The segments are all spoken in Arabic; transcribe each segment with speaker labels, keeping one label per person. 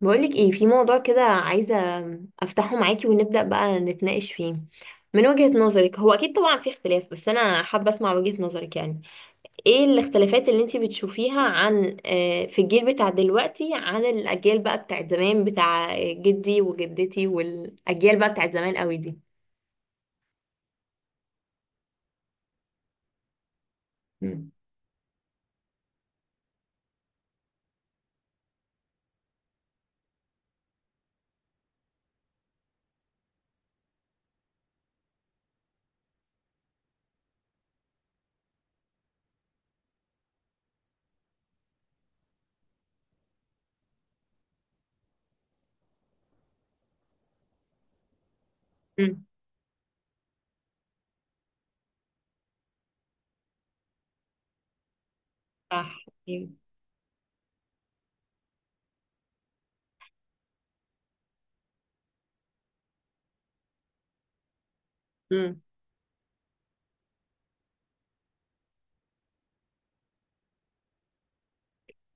Speaker 1: بقولك ايه؟ في موضوع كده عايزة افتحه معاكي ونبدأ بقى نتناقش فيه. من وجهة نظرك، هو اكيد طبعا في اختلاف بس انا حابة اسمع وجهة نظرك، يعني ايه الاختلافات اللي انتي بتشوفيها عن في الجيل بتاع دلوقتي عن الاجيال بقى بتاعت زمان بتاع جدي وجدتي، والاجيال بقى بتاعت زمان قوي دي. مم. امم. صح. امم.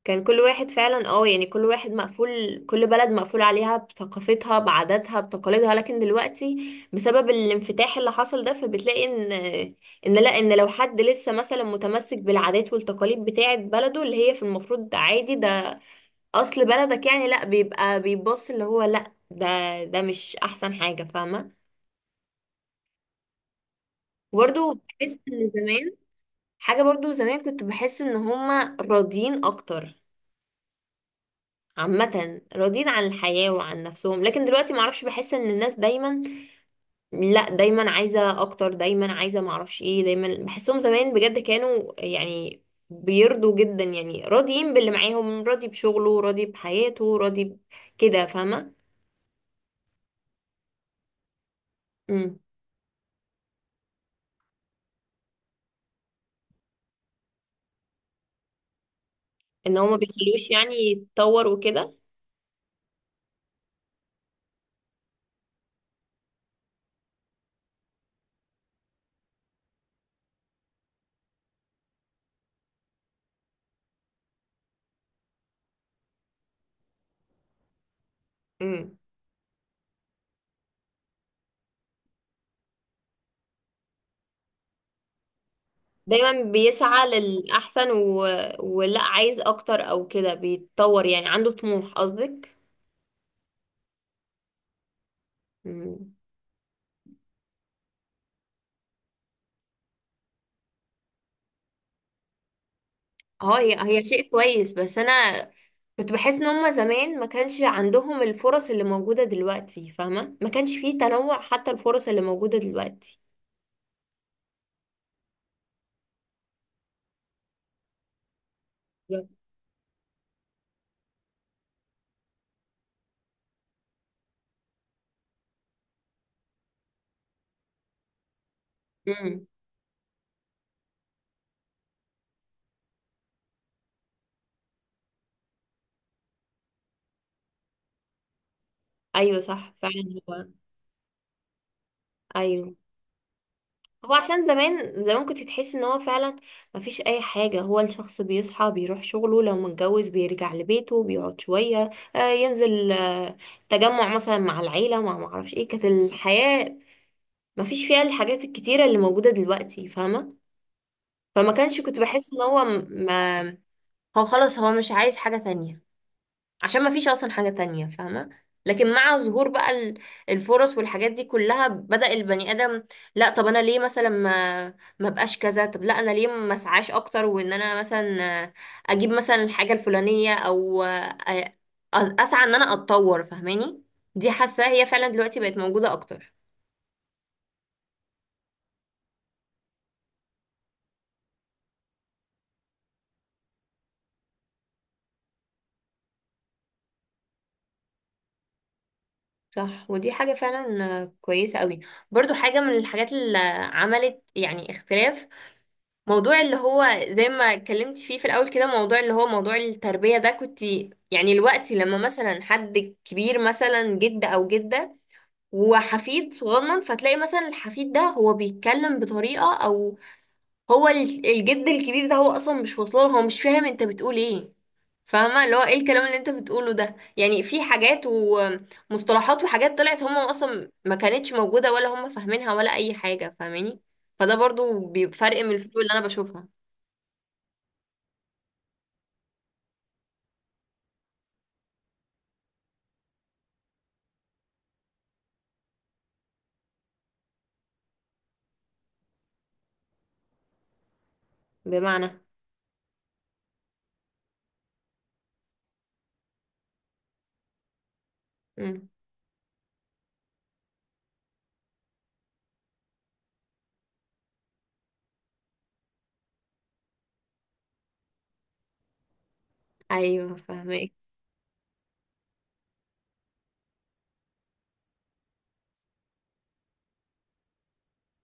Speaker 1: كان كل واحد فعلا، يعني كل واحد مقفول، كل بلد مقفول عليها بثقافتها بعاداتها بتقاليدها. لكن دلوقتي بسبب الانفتاح اللي حصل ده، فبتلاقي ان لا، ان لو حد لسه مثلا متمسك بالعادات والتقاليد بتاعة بلده، اللي هي في المفروض عادي، ده اصل بلدك يعني، لا بيبقى بيبص اللي هو، لا ده ده مش احسن حاجة. فاهمة؟ برضو بحس ان زمان حاجة، برضو زمان كنت بحس ان هما راضيين اكتر، عامة راضيين عن الحياة وعن نفسهم. لكن دلوقتي معرفش، بحس ان الناس دايما لا دايما عايزة اكتر، دايما عايزة معرفش ايه، دايما بحسهم زمان بجد كانوا يعني بيرضوا جدا، يعني راضيين باللي معاهم، راضي بشغله راضي بحياته راضي ب- كده. فاهمة؟ امم. ان هو ما بيخلوش يعني يتطور وكده. امم. دايما بيسعى للأحسن و... ولا عايز اكتر او كده، بيتطور، يعني عنده طموح قصدك؟ امم. اه، هي هي شيء كويس، بس انا كنت بحس ان هما زمان ما كانش عندهم الفرص اللي موجودة دلوقتي، فاهمة؟ ما كانش فيه تنوع حتى، الفرص اللي موجودة دلوقتي. امم. ايوه صح فعلا. هو ايوه هو، عشان زمان زمان كنت تحس ان هو فعلا ما فيش اي حاجة، هو الشخص بيصحى بيروح شغله، لو متجوز بيرجع لبيته بيقعد شوية، آه ينزل آه تجمع مثلا مع العيلة، مع معرفش ايه. كانت الحياة ما فيش فيها الحاجات الكتيرة اللي موجودة دلوقتي، فاهمة؟ فما كانش، كنت بحس ان هو ما، هو خلاص هو مش عايز حاجة تانية عشان ما فيش اصلا حاجة تانية، فاهمة؟ لكن مع ظهور بقى الفرص والحاجات دي كلها، بدأ البني آدم لا، طب انا ليه مثلا ما ما بقاش كذا، طب لا انا ليه ما اسعاش اكتر، وان انا مثلا اجيب مثلا الحاجة الفلانية، او اسعى ان انا اتطور، فاهماني؟ دي حاسة هي فعلا دلوقتي بقت موجودة اكتر. صح، ودي حاجة فعلا كويسة قوي. برضو حاجة من الحاجات اللي عملت يعني اختلاف، موضوع اللي هو زي ما اتكلمت فيه في الأول كده، موضوع اللي هو موضوع التربية ده. كنت يعني الوقت لما مثلا حد كبير، مثلا جد أو جدة وحفيد صغنن، فتلاقي مثلا الحفيد ده هو بيتكلم بطريقة، أو هو الجد الكبير ده هو اصلا مش واصله له، هو مش فاهم انت بتقول ايه. فاهمه اللي هو ايه الكلام اللي انت بتقوله ده؟ يعني في حاجات ومصطلحات وحاجات طلعت، هم اصلا ما كانتش موجوده ولا هم فاهمينها، ولا اي حاجه، فاهماني؟ فده برضو بيفرق من الفيديو اللي انا بشوفها. بمعنى؟ مم. ايوه فاهمك.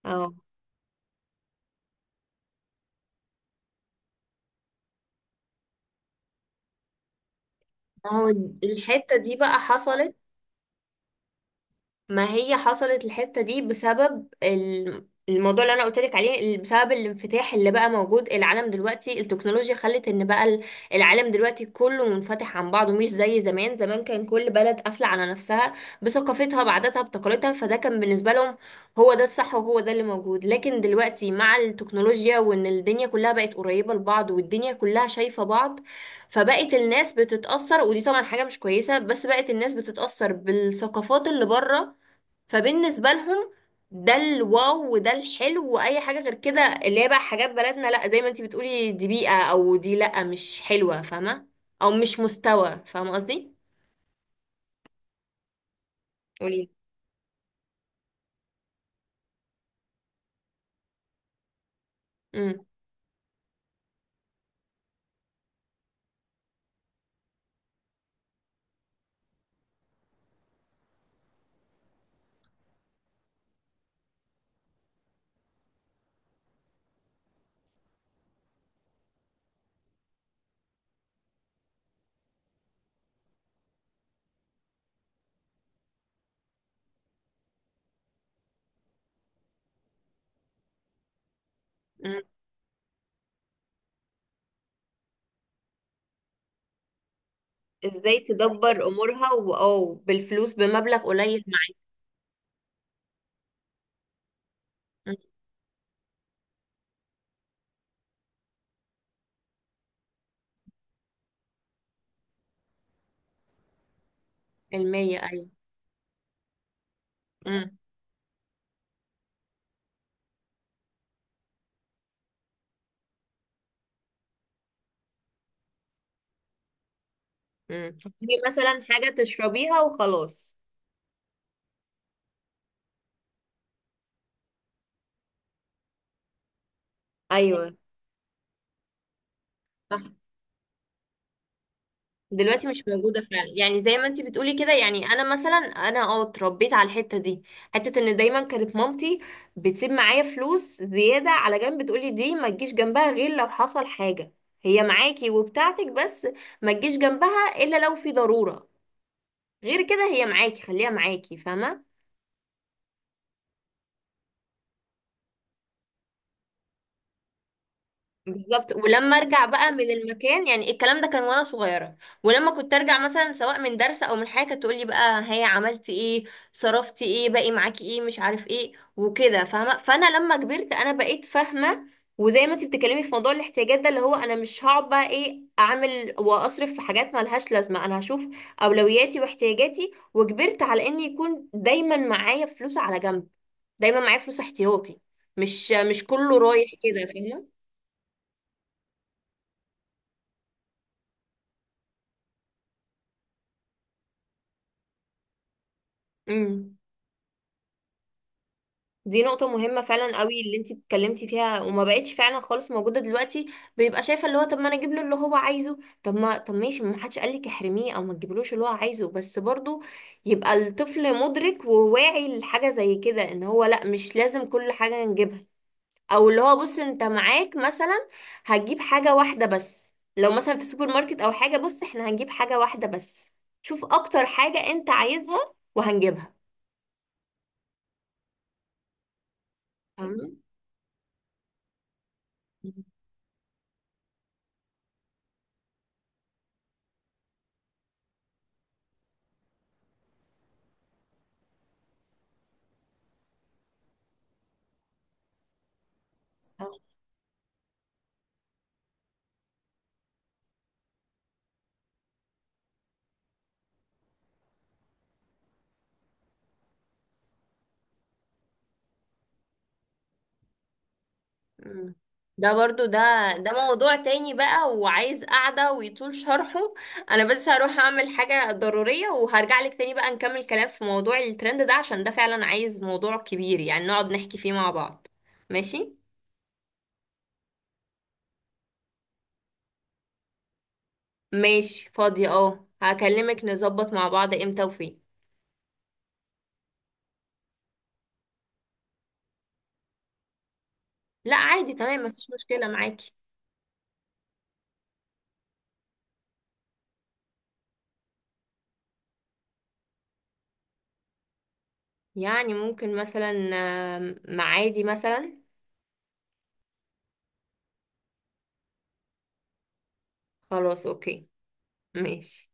Speaker 1: اه، ما هو الحته دي بقى حصلت. ما هي حصلت الحتة دي بسبب الموضوع اللي انا قلت لك عليه، بسبب الانفتاح اللي بقى موجود العالم دلوقتي. التكنولوجيا خلت ان بقى العالم دلوقتي كله منفتح عن بعضه، مش زي زمان. زمان كان كل بلد قافلة على نفسها بثقافتها بعاداتها بتقاليدها، فده كان بالنسبة لهم هو ده الصح وهو ده اللي موجود. لكن دلوقتي مع التكنولوجيا، وان الدنيا كلها بقت قريبة لبعض والدنيا كلها شايفة بعض، فبقت الناس بتتأثر، ودي طبعا حاجة مش كويسة، بس بقت الناس بتتأثر بالثقافات اللي بره. فبالنسبة لهم ده الواو وده الحلو، واي حاجة غير كده اللي هي بقى حاجات بلدنا، لا زي ما انتي بتقولي دي بيئة، او دي لا مش حلوة، فاهمة؟ او مش مستوى، فاهمة قصدي؟ قولي. امم. ازاي تدبر امورها او بالفلوس بمبلغ قليل، مع. مم. المية، ايوه. امم. امم. مثلا حاجة تشربيها وخلاص. ايوه دلوقتي مش موجودة فعلا يعني، زي ما انتي بتقولي كده. يعني انا مثلا، انا اه اتربيت على الحتة دي، حتة ان دايما كانت مامتي بتسيب معايا فلوس زيادة على جنب، تقولي دي ما تجيش جنبها غير لو حصل حاجة، هي معاكي وبتاعتك بس ما تجيش جنبها الا لو في ضرورة. غير كده هي معاكي خليها معاكي، فاهمة؟ بالظبط. ولما ارجع بقى من المكان، يعني الكلام ده كان وانا صغيره، ولما كنت ارجع مثلا سواء من درس او من حاجه، كانت تقول لي بقى هي عملتي ايه، صرفتي ايه، باقي معاكي ايه، مش عارف ايه وكده، فاهمه؟ فانا لما كبرت انا بقيت فاهمه، وزي ما انت بتتكلمي في موضوع الاحتياجات ده، اللي هو انا مش هقعد بقى ايه اعمل واصرف في حاجات مالهاش لازمه. انا هشوف اولوياتي واحتياجاتي، وكبرت على ان يكون دايما معايا فلوس على جنب، دايما معايا فلوس احتياطي، مش كله رايح كده، فاهمه؟ امم. دي نقطة مهمة فعلا قوي اللي انتي اتكلمتي فيها، وما بقتش فعلا خالص موجودة دلوقتي. بيبقى شايفة اللي هو طب ما انا اجيب له اللي هو عايزه، طب ما طب ماشي، ما حدش قالك احرميه او ما تجيبلوش اللي هو عايزه، بس برضو يبقى الطفل مدرك وواعي لحاجة زي كده، ان هو لا مش لازم كل حاجة نجيبها، او اللي هو بص انت معاك مثلا هتجيب حاجة واحدة بس، لو مثلا في سوبر ماركت او حاجة بص احنا هنجيب حاجة واحدة بس، شوف اكتر حاجة انت عايزها وهنجيبها. فاهمة؟ مم. ده برضو ده موضوع تاني بقى وعايز قعدة ويطول شرحه. انا بس هروح اعمل حاجة ضرورية وهرجع لك تاني بقى نكمل كلام في موضوع الترند ده، عشان ده فعلا عايز موضوع كبير يعني نقعد نحكي فيه مع بعض. ماشي. ماشي، فاضية اه، هكلمك نظبط مع بعض امتى وفين. لا عادي تمام، مفيش مشكلة معاكي. يعني ممكن مثلا، معادي مثلا. خلاص اوكي. ماشي.